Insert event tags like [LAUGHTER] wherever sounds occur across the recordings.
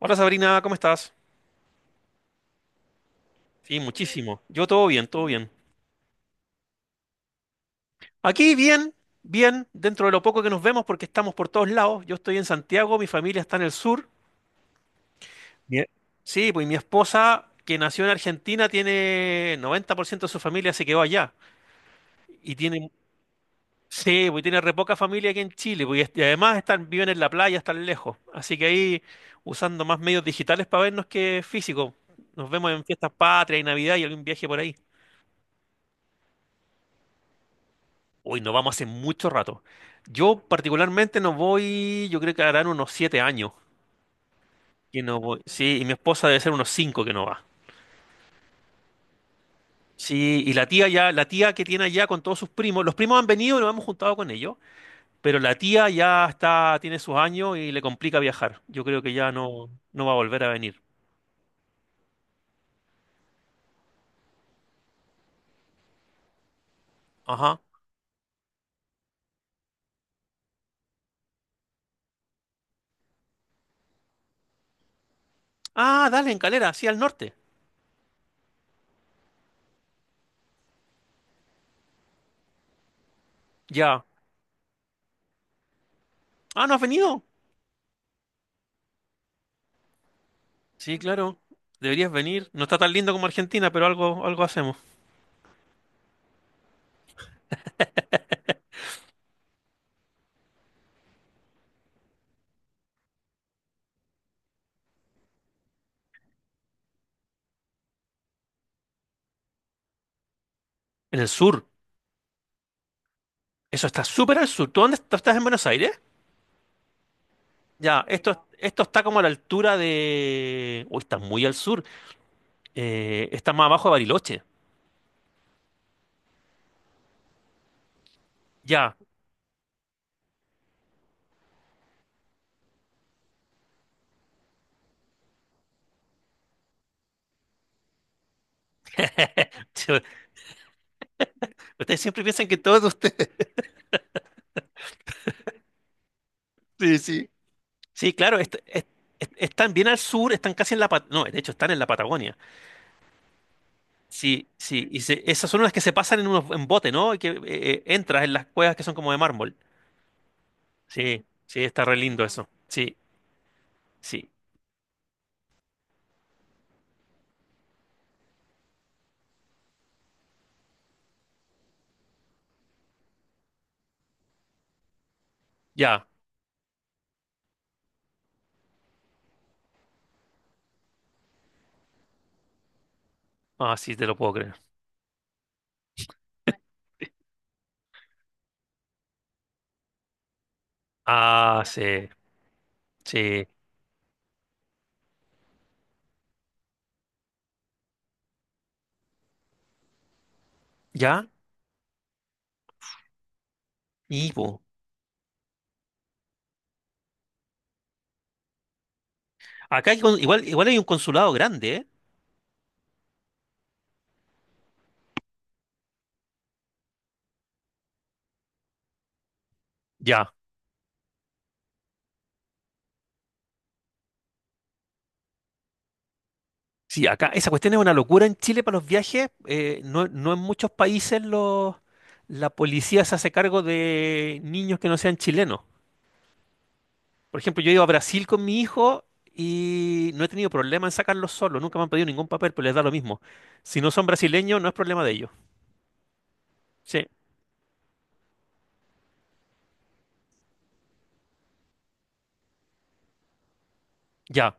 Hola Sabrina, ¿cómo estás? Sí, muchísimo. Yo todo bien, todo bien. Aquí bien, bien, dentro de lo poco que nos vemos porque estamos por todos lados. Yo estoy en Santiago, mi familia está en el sur. Bien. Sí, pues mi esposa, que nació en Argentina, tiene 90% de su familia se quedó allá. Y tiene, sí, pues tiene re poca familia aquí en Chile. Pues, y además están, viven en la playa, están lejos. Así que ahí usando más medios digitales para vernos que físicos. Nos vemos en fiestas patrias y Navidad y algún viaje por ahí. Uy, no vamos hace mucho rato. Yo particularmente no voy, yo creo que harán unos 7 años que no voy. Sí, y mi esposa debe ser unos cinco que no va. Sí, y la tía que tiene allá con todos sus primos, los primos han venido y nos hemos juntado con ellos, pero la tía ya está, tiene sus años y le complica viajar. Yo creo que ya no, no va a volver a venir. Ajá. Ah, dale, en Calera, sí, al norte. Ya. Ah, ¿no has venido? Sí, claro. Deberías venir. No está tan lindo como Argentina, pero algo, algo hacemos. En el sur. Eso está súper al sur. ¿Tú dónde tú estás en Buenos Aires? Ya, esto está como a la altura de... Uy, está muy al sur. Está más abajo de Bariloche. Ya. [LAUGHS] Ustedes siempre piensan que todos ustedes... [LAUGHS] Sí, sí. Sí, claro, están bien al sur, están casi en la... No, de hecho, están en la Patagonia. Sí, sí. Y esas son las que se pasan en bote, ¿no? Y que entras en las cuevas que son como de mármol. Sí, sí, está re lindo eso. Sí, sí. Ya. Ah, sí, te lo puedo creer. Ah, sí. Sí, ya, y po. Acá igual, igual hay un consulado grande, ¿eh? Ya. Sí, acá esa cuestión es una locura en Chile para los viajes. No, no en muchos países la policía se hace cargo de niños que no sean chilenos. Por ejemplo, yo he ido a Brasil con mi hijo y no he tenido problema en sacarlos solo. Nunca me han pedido ningún papel, pero les da lo mismo. Si no son brasileños, no es problema de ellos. Sí, ya,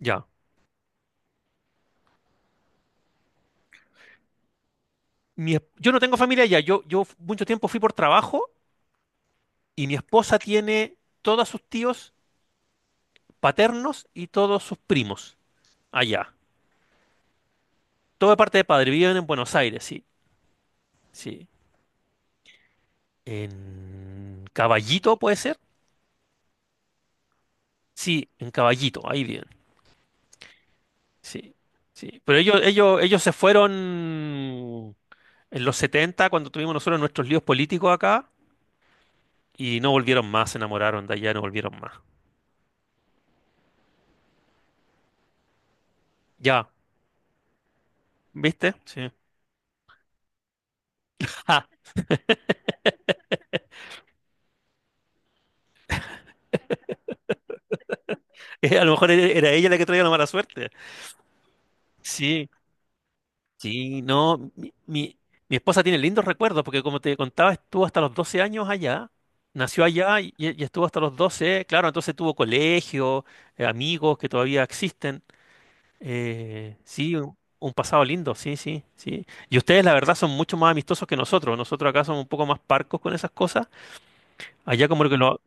ya. Yo no tengo familia allá. Mucho tiempo fui por trabajo y mi esposa tiene todos sus tíos paternos y todos sus primos allá. Todo de parte de padre, viven en Buenos Aires, sí, sí. En Caballito, ¿puede ser? Sí, en Caballito, ahí viven, sí, sí. Pero ellos se fueron en los 70 cuando tuvimos nosotros nuestros líos políticos acá, y no volvieron más, se enamoraron de allá, no volvieron más. Ya, ¿viste? Sí. Ah, [LAUGHS] a lo mejor era ella la que traía la mala suerte. Sí, sí, no, mi esposa tiene lindos recuerdos porque como te contaba, estuvo hasta los 12 años allá, nació allá y estuvo hasta los 12. Claro, entonces tuvo colegio, amigos que todavía existen. Sí, un pasado lindo, sí, sí, sí. Y ustedes la verdad son mucho más amistosos que nosotros acá somos un poco más parcos con esas cosas, allá como que,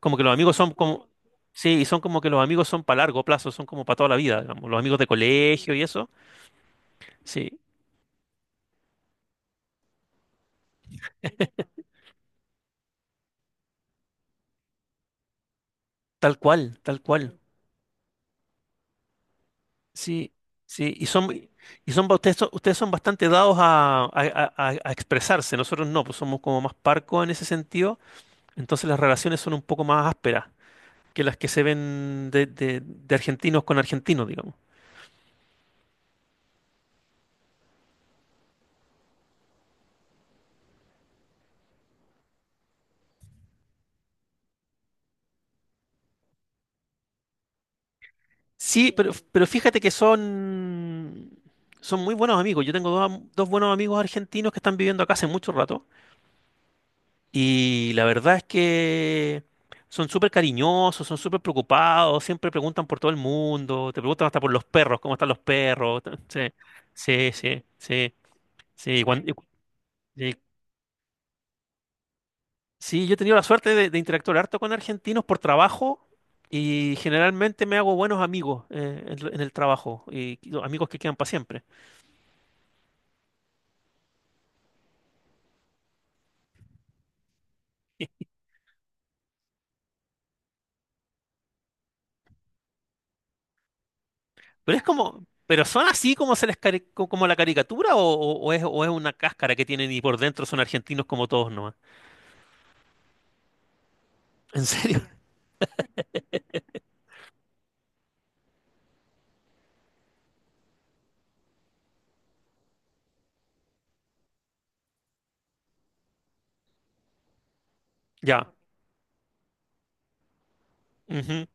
como que los amigos son como... Sí, y son como que los amigos son para largo plazo, son como para toda la vida, digamos, los amigos de colegio y eso. Sí, tal cual, tal cual. Sí, sí, y son, ba- ustedes son bastante dados a expresarse, nosotros no, pues somos como más parcos en ese sentido, entonces las relaciones son un poco más ásperas que las que se ven de argentinos con argentinos, digamos. Sí, pero, sí. Pero fíjate que son muy buenos amigos, yo tengo dos buenos amigos argentinos que están viviendo acá hace mucho rato. Y la verdad es que son súper cariñosos, son súper preocupados, siempre preguntan por todo el mundo, te preguntan hasta por los perros, cómo están los perros. [LAUGHS] t- Sí, sí, sí, sí. Sí, y- sí, yo he tenido la suerte de interactuar harto con argentinos por trabajo y generalmente me hago buenos amigos en el trabajo y amigos que quedan para siempre. [LAUGHS] Pero son así como se les como la caricatura o es una cáscara que tienen y por dentro son argentinos como todos nomás. ¿En serio? Ya. Ujú.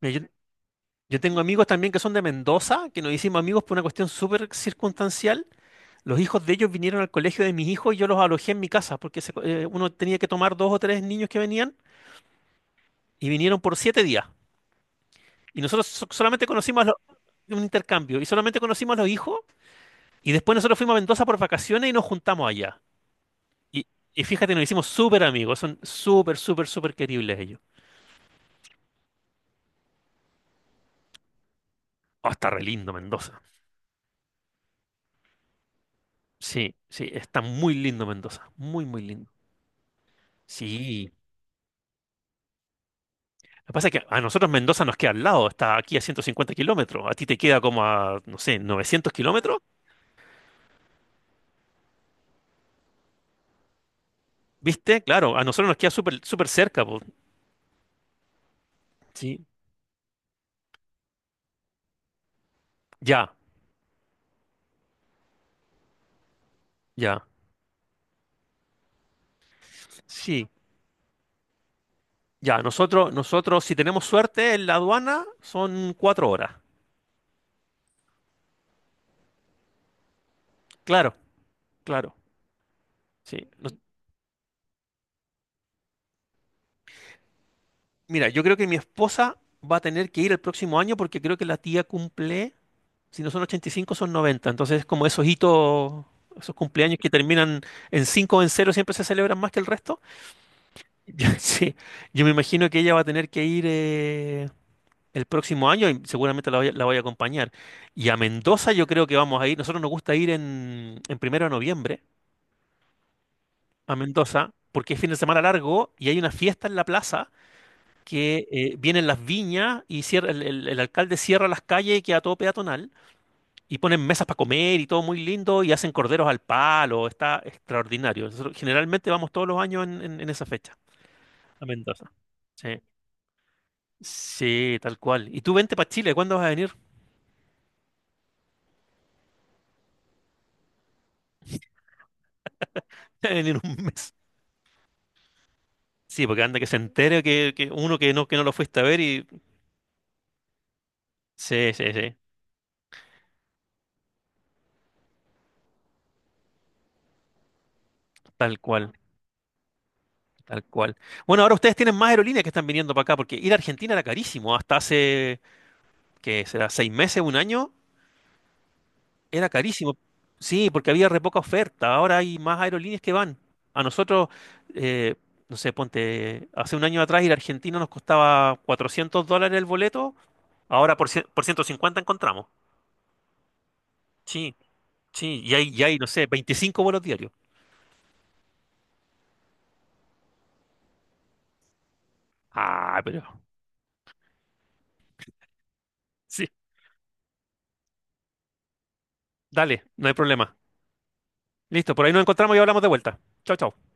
Mira, yo tengo amigos también que son de Mendoza, que nos hicimos amigos por una cuestión súper circunstancial. Los hijos de ellos vinieron al colegio de mis hijos y yo los alojé en mi casa, porque uno tenía que tomar dos o tres niños que venían y vinieron por 7 días. Y nosotros solamente conocimos un intercambio y solamente conocimos a los hijos y después nosotros fuimos a Mendoza por vacaciones y nos juntamos allá. Y, y fíjate, nos hicimos súper amigos, son súper, súper, súper queribles ellos. Oh, está re lindo Mendoza. Sí, sí, está muy lindo Mendoza, muy, muy lindo. Sí. Lo que pasa es que a nosotros Mendoza nos queda al lado, está aquí a 150 km, a ti te queda como a, no sé, 900 km, ¿viste? Claro, a nosotros nos queda súper súper cerca, po. Sí, ya, ya, sí, ya, nosotros si tenemos suerte en la aduana son 4 horas, claro, claro, sí. Mira, yo creo que mi esposa va a tener que ir el próximo año porque creo que la tía cumple. Si no son 85, son 90. Entonces, como esos hitos, esos cumpleaños que terminan en 5 o en cero siempre se celebran más que el resto. [LAUGHS] Sí, yo me imagino que ella va a tener que ir el próximo año y seguramente a la voy a acompañar. Y a Mendoza yo creo que vamos a ir. Nosotros nos gusta ir en 1 de noviembre a Mendoza porque es fin de semana largo y hay una fiesta en la plaza que vienen las viñas y el alcalde cierra las calles y queda todo peatonal. Y ponen mesas para comer y todo muy lindo y hacen corderos al palo, está extraordinario. Nosotros generalmente vamos todos los años en esa fecha a Mendoza. Sí. Sí, tal cual. ¿Y tú vente para Chile? ¿Cuándo vas a venir? [LAUGHS] En un mes. Sí, porque anda que se entere que uno que no lo fuiste a ver y... Sí, sí, sí, tal cual, tal cual. Bueno, ahora ustedes tienen más aerolíneas que están viniendo para acá porque ir a Argentina era carísimo. Hasta hace, ¿qué será? ¿6 meses, un año? Era carísimo. Sí, porque había re poca oferta. Ahora hay más aerolíneas que van. A nosotros, eh, no sé, ponte, hace un año atrás ir a Argentina nos costaba $400 el boleto, ahora por 150 encontramos. Sí, sí, y hay, no sé, 25 vuelos diarios. Ah, pero... Sí, dale, no hay problema. Listo, por ahí nos encontramos y hablamos de vuelta. Chao, chao.